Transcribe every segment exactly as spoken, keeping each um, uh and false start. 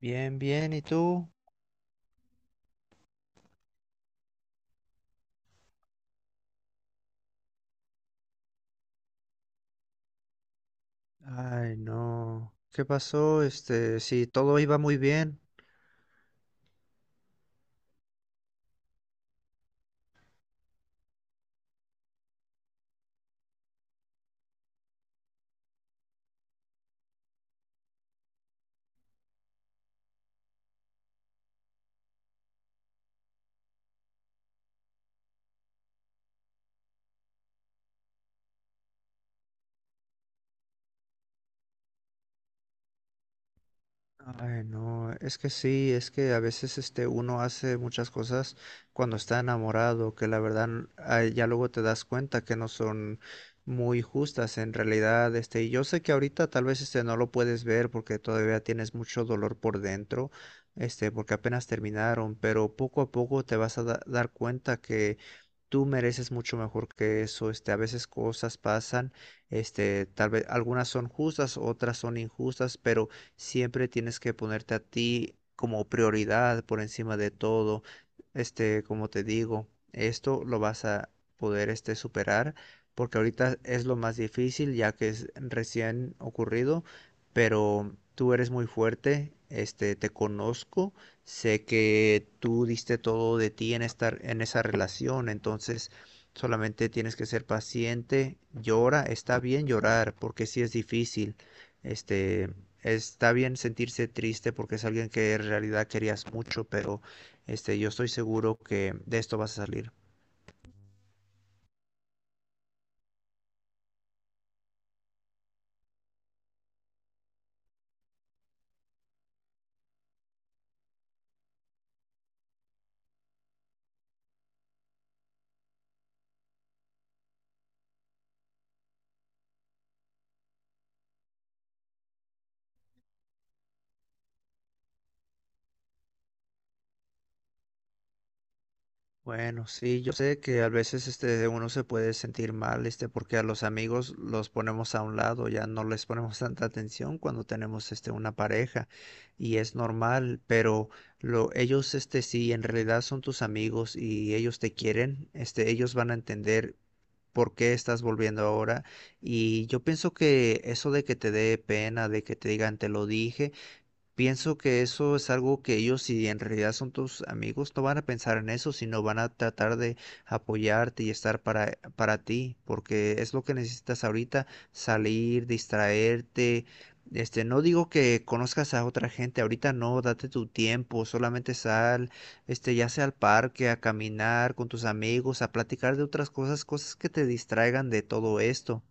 Bien, bien, ¿y tú? Ay, no. ¿Qué pasó? Este, sí, todo iba muy bien. Ay, no, es que sí, es que a veces este uno hace muchas cosas cuando está enamorado, que la verdad ay, ya luego te das cuenta que no son muy justas en realidad, este, y yo sé que ahorita tal vez este no lo puedes ver porque todavía tienes mucho dolor por dentro, este, porque apenas terminaron, pero poco a poco te vas a da- dar cuenta que tú mereces mucho mejor que eso, este, a veces cosas pasan, este, tal vez algunas son justas, otras son injustas, pero siempre tienes que ponerte a ti como prioridad por encima de todo. Este, como te digo, esto lo vas a poder este superar porque ahorita es lo más difícil ya que es recién ocurrido, pero tú eres muy fuerte, este, te conozco, sé que tú diste todo de ti en estar en esa relación, entonces solamente tienes que ser paciente, llora, está bien llorar porque sí es difícil. Este, Está bien sentirse triste porque es alguien que en realidad querías mucho, pero este, yo estoy seguro que de esto vas a salir. Bueno, sí, yo sé que a veces este uno se puede sentir mal, este, porque a los amigos los ponemos a un lado, ya no les ponemos tanta atención cuando tenemos este una pareja y es normal, pero lo ellos este si en realidad son tus amigos y ellos te quieren, este ellos van a entender por qué estás volviendo ahora y yo pienso que eso de que te dé pena, de que te digan te lo dije. Pienso que eso es algo que ellos, si en realidad son tus amigos, no van a pensar en eso, sino van a tratar de apoyarte y estar para, para ti, porque es lo que necesitas ahorita, salir, distraerte. Este, no digo que conozcas a otra gente, ahorita no, date tu tiempo, solamente sal, este, ya sea al parque, a caminar con tus amigos, a platicar de otras cosas, cosas que te distraigan de todo esto.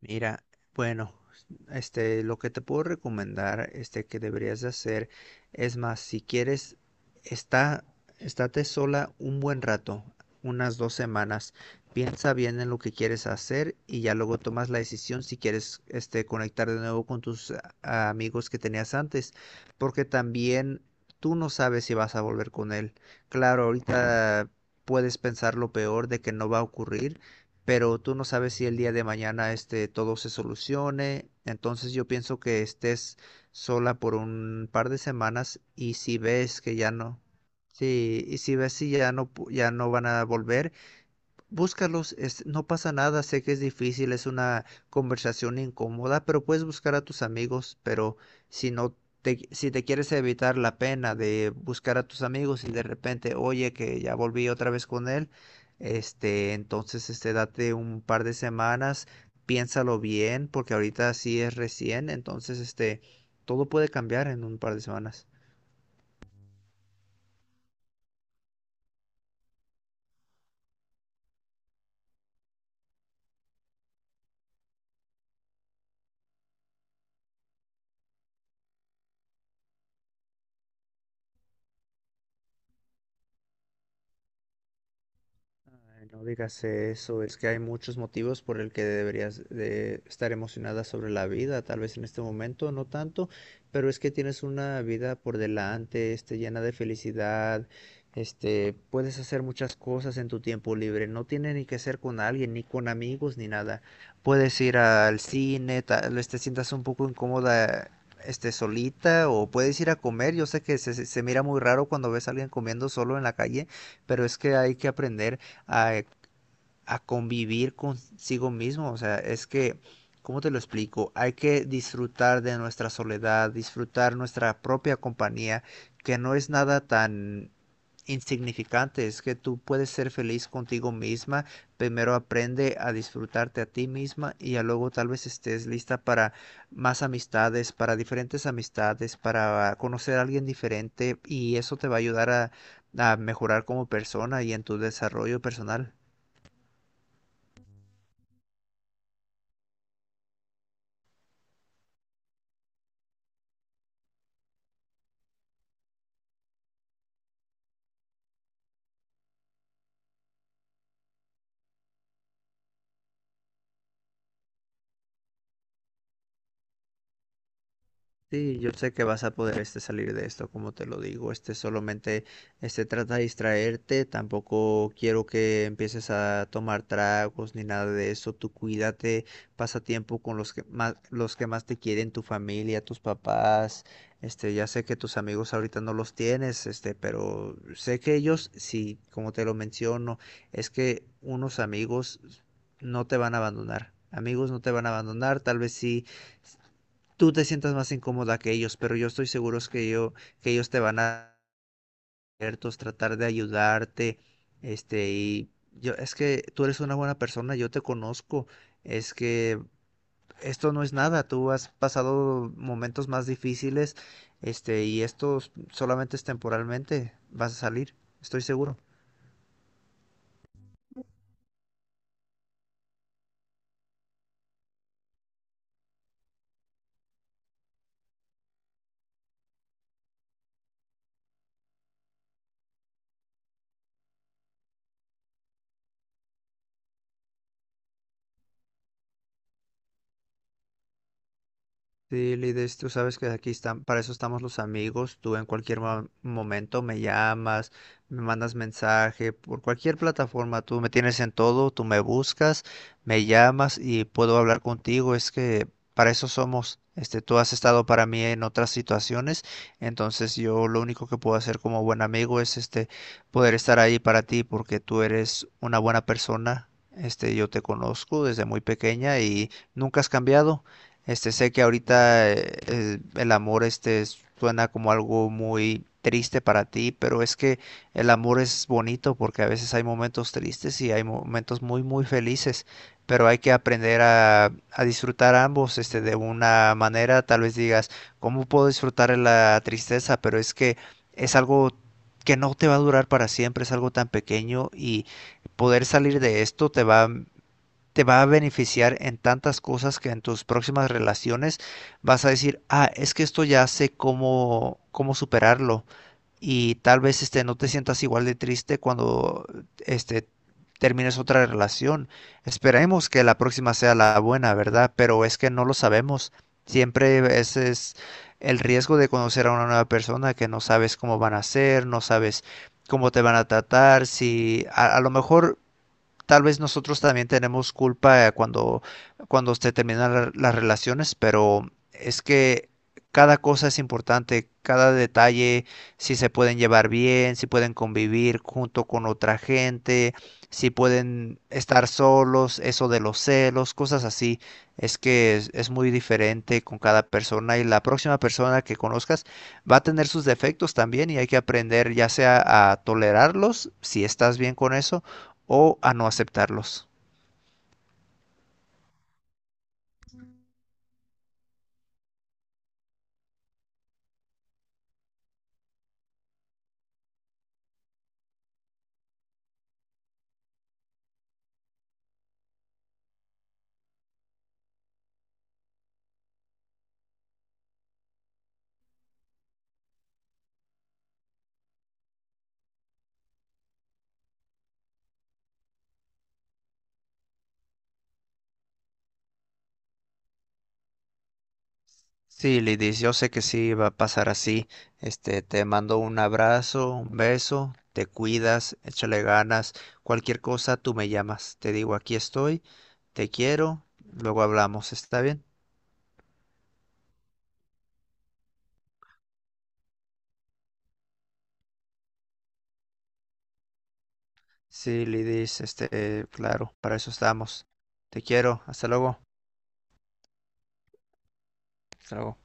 Mira, bueno, este, lo que te puedo recomendar, este, que deberías de hacer, es más, si quieres, está, estate sola un buen rato, unas dos semanas. Piensa bien en lo que quieres hacer y ya luego tomas la decisión si quieres, este, conectar de nuevo con tus a- amigos que tenías antes, porque también tú no sabes si vas a volver con él. Claro, ahorita puedes pensar lo peor de que no va a ocurrir, pero tú no sabes si el día de mañana este todo se solucione. Entonces yo pienso que estés sola por un par de semanas y si ves que ya no, sí, y si ves si ya no pu- ya no van a volver, búscalos, es- no pasa nada, sé que es difícil, es una conversación incómoda, pero puedes buscar a tus amigos, pero si no te, si te quieres evitar la pena de buscar a tus amigos y de repente, oye, que ya volví otra vez con él, este, entonces, este, date un par de semanas, piénsalo bien, porque ahorita sí es recién, entonces, este, todo puede cambiar en un par de semanas. Ay, no digas eso, es que hay muchos motivos por el que deberías de estar emocionada sobre la vida, tal vez en este momento no tanto, pero es que tienes una vida por delante, este, llena de felicidad, este, puedes hacer muchas cosas en tu tiempo libre, no tiene ni que ser con alguien, ni con amigos, ni nada. Puedes ir al cine, tal vez te sientas un poco incómoda, este, solita, o puedes ir a comer. Yo sé que se, se se mira muy raro cuando ves a alguien comiendo solo en la calle, pero es que hay que aprender a, a convivir consigo mismo. O sea, es que, ¿cómo te lo explico? Hay que disfrutar de nuestra soledad, disfrutar nuestra propia compañía, que no es nada tan insignificante, es que tú puedes ser feliz contigo misma, primero aprende a disfrutarte a ti misma y ya luego tal vez estés lista para más amistades, para diferentes amistades, para conocer a alguien diferente y eso te va a ayudar a, a mejorar como persona y en tu desarrollo personal. Sí, yo sé que vas a poder este salir de esto, como te lo digo, este solamente este trata de distraerte, tampoco quiero que empieces a tomar tragos ni nada de eso, tú cuídate, pasa tiempo con los que más los que más te quieren, tu familia, tus papás, este ya sé que tus amigos ahorita no los tienes, este, pero sé que ellos sí, como te lo menciono, es que unos amigos no te van a abandonar. Amigos no te van a abandonar, tal vez sí tú te sientas más incómoda que ellos, pero yo estoy seguro es que yo, que ellos te van a abiertos, tratar de ayudarte, este, y yo, es que tú eres una buena persona, yo te conozco, es que esto no es nada, tú has pasado momentos más difíciles, este, y esto solamente es temporalmente, vas a salir, estoy seguro. Sí, Lides, tú sabes que aquí están, para eso estamos los amigos. Tú en cualquier mo- momento me llamas, me mandas mensaje, por cualquier plataforma, tú me tienes en todo, tú me buscas, me llamas y puedo hablar contigo. Es que para eso somos. Este, tú has estado para mí en otras situaciones, entonces yo lo único que puedo hacer como buen amigo es este poder estar ahí para ti porque tú eres una buena persona. Este, yo te conozco desde muy pequeña y nunca has cambiado. Este, sé que ahorita eh, eh, el amor este es- suena como algo muy triste para ti, pero es que el amor es bonito porque a veces hay momentos tristes y hay momentos muy muy felices, pero hay que aprender a, a disfrutar ambos, este, de una manera, tal vez digas, ¿cómo puedo disfrutar de la tristeza? Pero es que es algo que no te va a durar para siempre, es algo tan pequeño y poder salir de esto te va te va a beneficiar en tantas cosas que en tus próximas relaciones vas a decir, ah, es que esto ya sé cómo, cómo superarlo. Y tal vez este, no te sientas igual de triste cuando este, termines otra relación. Esperemos que la próxima sea la buena, ¿verdad? Pero es que no lo sabemos. Siempre eh, ese es el riesgo de conocer a una nueva persona que no sabes cómo van a ser, no sabes cómo te van a tratar, si a, a lo mejor tal vez nosotros también tenemos culpa eh, cuando, cuando se terminan la- las relaciones, pero es que cada cosa es importante, cada detalle, si se pueden llevar bien, si pueden convivir junto con otra gente, si pueden estar solos, eso de los celos, cosas así. Es que es, es muy diferente con cada persona y la próxima persona que conozcas va a tener sus defectos también y hay que aprender ya sea a tolerarlos, si estás bien con eso, o a no aceptarlos. Sí, Lidis, yo sé que sí va a pasar así. Este, te mando un abrazo, un beso, te cuidas, échale ganas. Cualquier cosa, tú me llamas. Te digo, aquí estoy, te quiero, luego hablamos, ¿está bien? Sí, Lidis, este, claro, para eso estamos. Te quiero, hasta luego. Hasta luego.